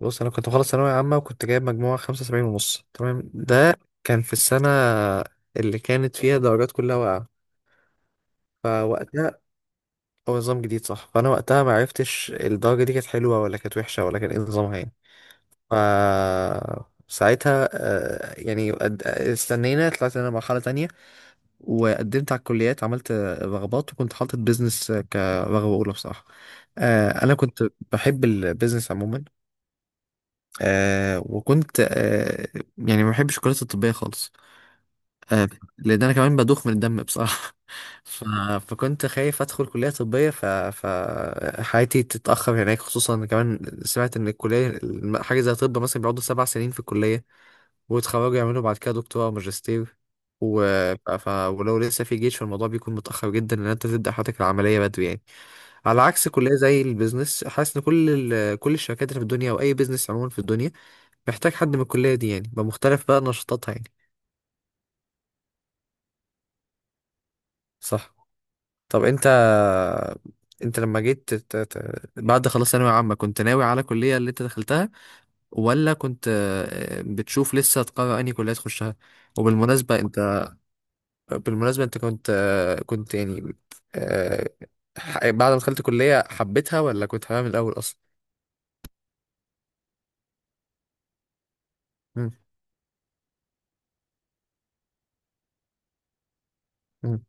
بص، انا كنت مخلص ثانويه عامه وكنت جايب مجموعه 75 ونص. تمام، ده كان في السنه اللي كانت فيها الدرجات كلها واقعه. فوقتها هو نظام جديد صح. فانا وقتها ما عرفتش الدرجه دي كانت حلوه ولا كانت وحشه ولا كان ايه نظامها يعني. ف ساعتها يعني استنينا. طلعت انا مرحله تانية وقدمت على الكليات، عملت رغبات، وكنت حاطط بيزنس كرغبه اولى بصراحه. انا كنت بحب البيزنس عموما. وكنت يعني ما بحبش الكريات الطبية خالص. آه لأن أنا كمان بدوخ من الدم بصراحة. ف... فكنت خايف أدخل كلية طبية، فحياتي تتأخر هناك، خصوصا إن كمان سمعت إن حاجة زي طب مثلا بيقعدوا 7 سنين في الكلية، ويتخرجوا يعملوا بعد كده دكتوراه أو ماجستير. و... ولو لسه في جيش، فالموضوع بيكون متأخر جدا إن أنت تبدأ حياتك العملية بدري يعني، على عكس كلية زي البيزنس. حاسس ان كل الشركات اللي في الدنيا او اي بيزنس عموما في الدنيا محتاج حد من الكلية دي، يعني بمختلف بقى نشاطاتها يعني. صح. طب انت لما جيت بعد خلاص ثانوية عامة، كنت ناوي على الكلية اللي انت دخلتها، ولا كنت بتشوف لسه تقرر انهي كلية تخشها؟ وبالمناسبة انت بالمناسبة انت كنت آه، بعد ما دخلت كلية حبيتها ولا كنت حاببها من الأول أصلا؟ مم. مم.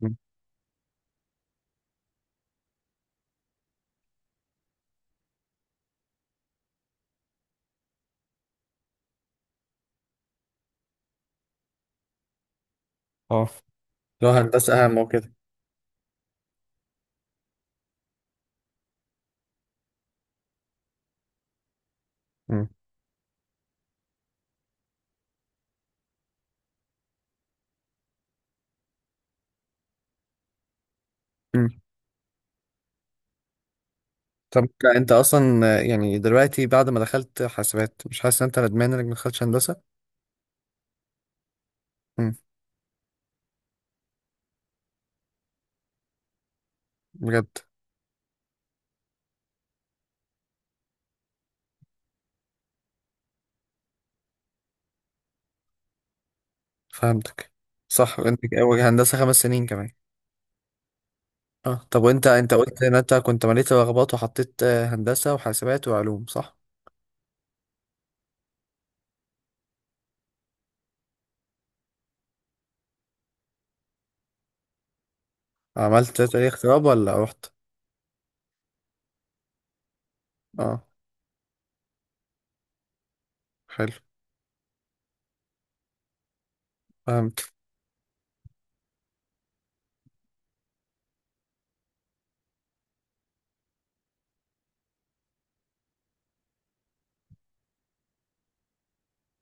مم. اه، لو هندسة أهم وكده. مم. مم. طب أنت أصلا يعني دلوقتي بعد ما دخلت حاسبات مش حاسس إن أنت ندمان إنك ما دخلتش هندسة؟ مم. بجد؟ فهمتك. صح. وأنت هندسة 5 سنين كمان. أه، طب وأنت قلت إن أنت كنت مليت رغبات وحطيت هندسة وحاسبات وعلوم صح؟ عملت تاريخ اختراب ولا رحت؟ أه. حلو. فهمت.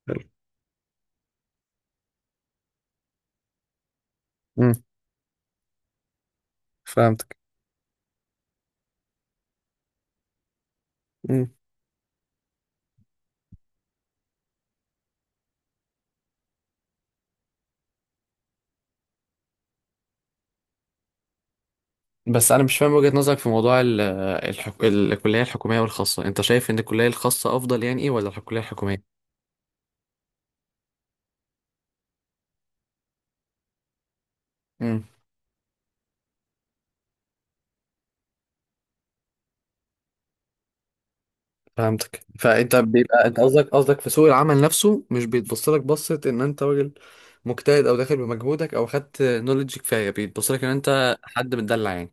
حلو. مم. فهمتك. بس انا مش فاهم وجهة نظرك في موضوع الكلية الحكومية والخاصة. انت شايف ان الكلية الخاصة افضل يعني ايه، ولا الكلية الحكومية؟ امم. فهمتك. فانت بيبقى انت قصدك في سوق العمل نفسه مش بيتبص لك بصة ان انت راجل مجتهد او داخل بمجهودك او خدت نولج كفاية، بيتبص لك ان انت حد متدلع يعني.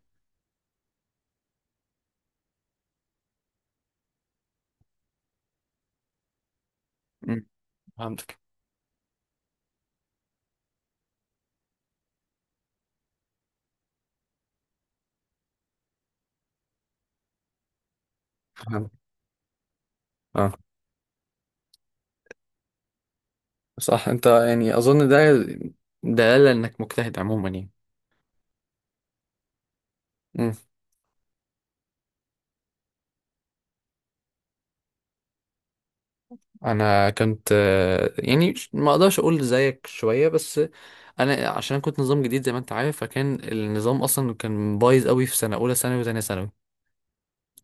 امم. فهمتك. فهمت. اه، صح. انت يعني اظن ده دلالة انك مجتهد عموما يعني. انا كنت يعني ما اقدرش اقول زيك شويه بس. عشان أنا كنت نظام جديد زي ما انت عارف، فكان النظام اصلا كان بايظ قوي في سنه اولى ثانوي وثانيه ثانوي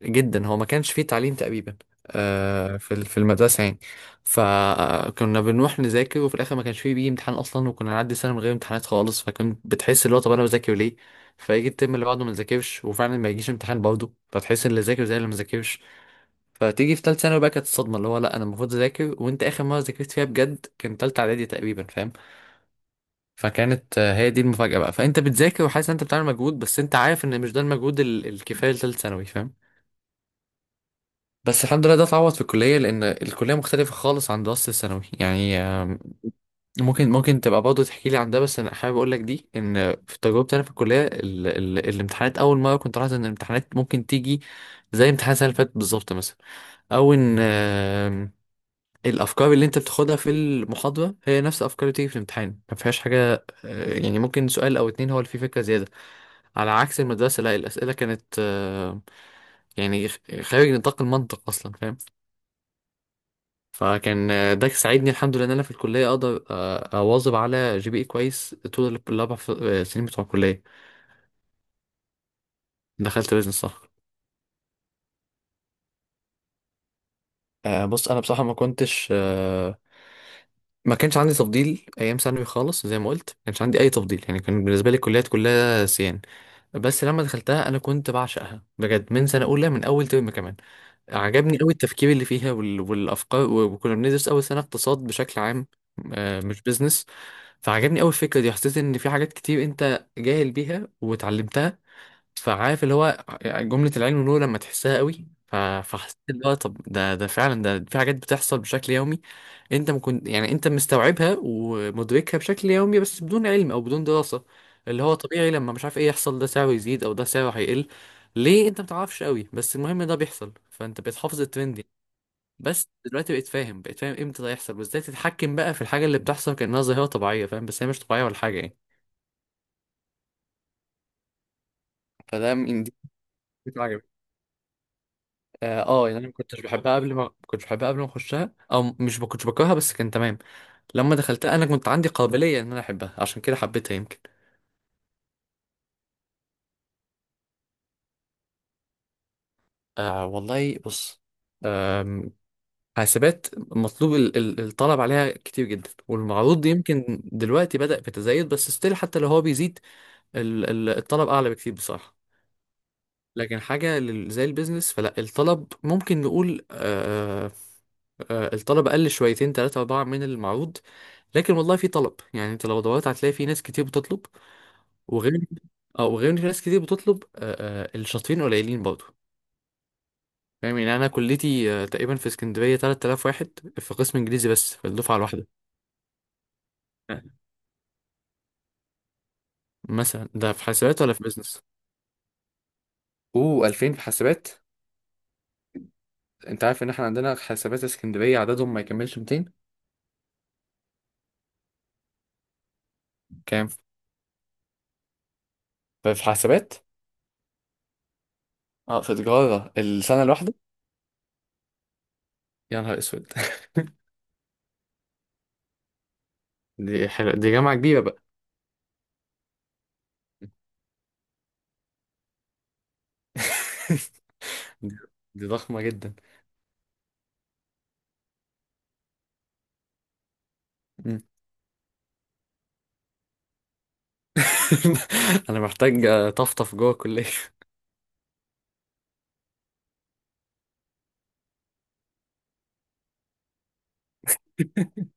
جدا. هو ما كانش فيه تعليم تقريبا في المدرسه يعني. فكنا بنروح نذاكر وفي الاخر ما كانش فيه بيجي امتحان اصلا، وكنا نعدي سنه من غير امتحانات خالص. فكنت بتحس اللي هو طب انا بذاكر ليه؟ فيجي الترم اللي بعده ما نذاكرش وفعلا ما يجيش امتحان برضه، فتحس اللي ذاكر زي اللي ما ذاكرش. فتيجي في تالتة ثانوي بقى، كانت الصدمة اللي هو لا، أنا المفروض أذاكر، وأنت آخر مرة ذاكرت فيها بجد كان تالتة إعدادي تقريبا، فاهم. فكانت هي دي المفاجأة بقى. فأنت بتذاكر وحاسس إن أنت بتعمل مجهود، بس أنت عارف إن مش ده المجهود الكفاية لتالتة ثانوي، فاهم. بس الحمد لله ده اتعوض في الكلية، لأن الكلية مختلفة خالص عن دراسة الثانوي يعني. ممكن تبقى برضه تحكي لي عن ده، بس أنا حابب أقول لك دي إن في تجربتي أنا في الكلية، ال ال الامتحانات أول مرة كنت لاحظت إن الامتحانات ممكن تيجي زي امتحان السنة اللي فاتت بالظبط مثلا، او ان الافكار اللي انت بتاخدها في المحاضره هي نفس الافكار اللي بتيجي في الامتحان، ما فيهاش حاجه يعني، ممكن سؤال او اتنين هو اللي فيه فكره زياده. على عكس المدرسه، لا، الاسئله كانت يعني خارج نطاق المنطق اصلا، فاهم. فكان ده ساعدني الحمد لله ان انا في الكليه اقدر اواظب على GPA كويس طول الاربع سنين بتوع الكليه. دخلت بيزنس صح. بص انا بصراحه، ما كنتش آه، ما كانش عندي تفضيل ايام ثانوي خالص. زي ما قلت ما كانش عندي اي تفضيل، يعني كان بالنسبه لي الكليات كلها سيان. بس لما دخلتها انا كنت بعشقها بجد من سنه اولى، من اول ترم كمان. عجبني قوي التفكير اللي فيها والافكار وكنا بندرس اول سنه اقتصاد بشكل عام، مش بيزنس. فعجبني قوي الفكره دي، حسيت ان في حاجات كتير انت جاهل بيها وتعلمتها. فعارف اللي هو جملة العلم والنور لما تحسها قوي. فحسيت اللي هو طب ده فعلا، ده في حاجات بتحصل بشكل يومي. انت ما كنت يعني انت مستوعبها ومدركها بشكل يومي، بس بدون علم او بدون دراسة. اللي هو طبيعي لما مش عارف ايه يحصل، ده سعره يزيد او ده سعره هيقل. ليه؟ انت ما تعرفش قوي، بس المهم ده بيحصل، فانت بتحافظ الترند يعني. بس دلوقتي بقيت فاهم امتى ده يحصل وازاي تتحكم بقى في الحاجة اللي بتحصل، كأنها ظاهرة طبيعية فاهم، بس هي مش طبيعية ولا حاجة يعني. فده من دي. اه، يعني انا ما كنتش بحبها قبل ما اخشها، او مش ما كنتش بكرهها بس كان تمام. لما دخلتها انا كنت عندي قابليه ان انا احبها، عشان كده حبيتها يمكن. والله بص. آم، حاسبات مطلوب، الطلب عليها كتير جدا والمعروض يمكن دلوقتي بدأ بتزايد، بس ستيل حتى لو هو بيزيد الطلب اعلى بكتير بصراحه. لكن حاجه زي البيزنس فلا، الطلب ممكن نقول الطلب قل شويتين تلاتة أربعة من المعروض، لكن والله في طلب. يعني انت لو دورت هتلاقي في ناس كتير بتطلب، وغير اه وغير ان في ناس كتير بتطلب الشاطرين قليلين برضه، فاهم. يعني انا كليتي تقريبا في اسكندرية 3000 واحد في قسم انجليزي بس في الدفعة الواحدة. مثلا ده في حاسبات ولا في بيزنس؟ اوه، 2000 في حاسبات. انت عارف ان احنا عندنا حاسبات اسكندرية عددهم ما يكملش 200. كام في حاسبات؟ اه، في تجارة السنة الواحدة. يا نهار اسود. دي حلوة، دي جامعة كبيرة بقى. دي دي ضخمة جدا. مم. انا محتاج طفطف جوه الكلية.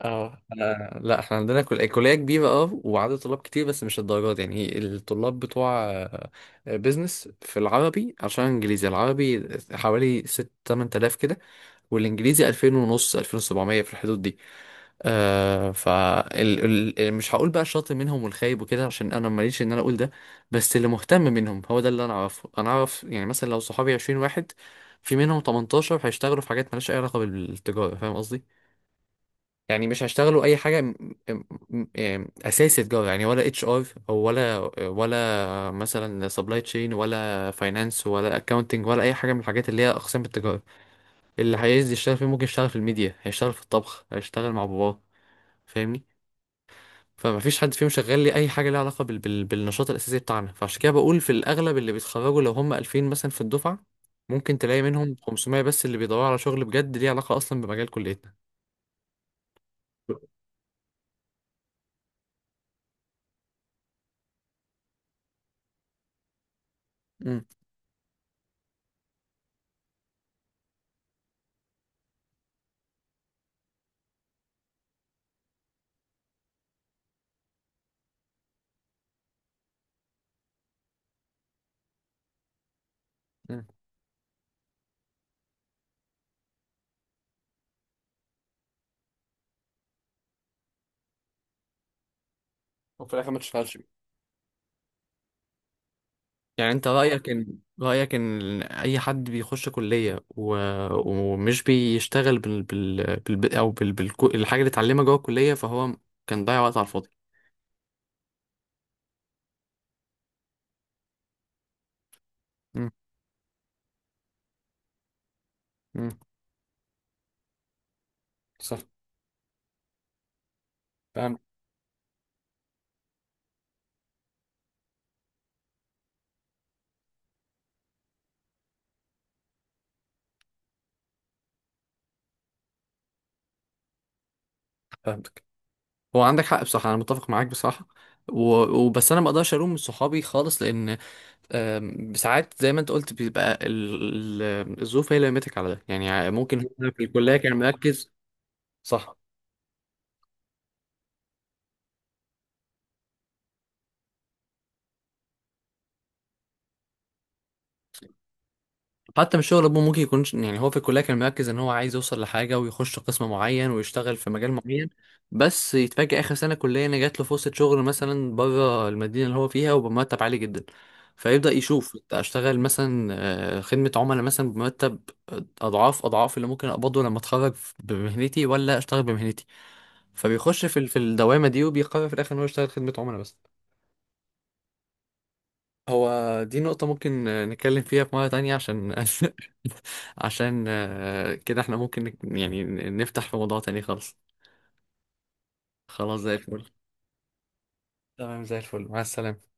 اه، لا، احنا عندنا كلية كبيرة اه، وعدد طلاب كتير، بس مش الدرجات دي. يعني الطلاب بتوع بيزنس في العربي، عشان انجليزي العربي حوالي 6 8000 كده، والانجليزي 2000 ونص 2700 في الحدود دي. آه ف ال... ال... ال- مش هقول بقى الشاطر منهم والخايب وكده عشان انا ماليش ان انا اقول ده، بس اللي مهتم منهم هو ده اللي انا اعرفه انا اعرف يعني. مثلا لو صحابي 20 واحد، في منهم 18 هيشتغلوا في حاجات مالهاش اي علاقه بالتجاره، فاهم قصدي. يعني مش هيشتغلوا اي حاجه م... اساسي تجاره، يعني ولا HR ولا مثلا سبلاي تشين، ولا فاينانس، ولا اكاونتنج، ولا اي حاجه من الحاجات اللي هي اقسام التجاره. اللي هيعايز يشتغل فيه ممكن يشتغل في الميديا، هيشتغل في الطبخ، هيشتغل مع باباه، فاهمني. فمفيش حد فيهم شغال لي اي حاجه ليها علاقه بالنشاط الاساسي بتاعنا. فعشان كده بقول في الاغلب اللي بيتخرجوا لو هم 2000 مثلا في الدفعه، ممكن تلاقي منهم 500 بس اللي بيدوروا على شغل بجد ليه علاقه اصلا بمجال كليتنا. مم. مم. وفي الاخر ما تشتغلش بيه. يعني انت رأيك ان اي حد بيخش كلية ومش بيشتغل بال... بال... بال... او بال... بال... الحاجة اللي اتعلمها جوه الكلية، فهو كان ضيع وقت على الفاضي. مم. مم. صح. فهمت. فهمتك. هو عندك حق بصراحة، أنا متفق معاك بصراحة. و... وبس أنا ما أقدرش ألوم صحابي خالص، لأن ساعات زي ما أنت قلت بيبقى الظروف هي اللي لمتك على ده يعني. ممكن هو في الكلية كان مركز. صح. حتى من الشغل ابوه، ممكن يكون يعني هو في الكليه كان مركز ان هو عايز يوصل لحاجه ويخش قسم معين ويشتغل في مجال معين، بس يتفاجئ اخر سنه كليه ان جات له فرصه شغل مثلا بره المدينه اللي هو فيها وبمرتب عالي جدا. فيبدا يشوف اشتغل مثلا خدمه عملاء مثلا بمرتب اضعاف اضعاف اللي ممكن اقبضه لما اتخرج بمهنتي، ولا اشتغل بمهنتي. فبيخش في الدوامه دي وبيقرر في الاخر ان هو يشتغل خدمه عملاء بس. هو دي نقطة ممكن نتكلم فيها في مرة تانية، عشان. عشان كده احنا ممكن يعني نفتح في موضوع تاني خالص. خلاص زي الفل. تمام زي الفل. مع السلامة.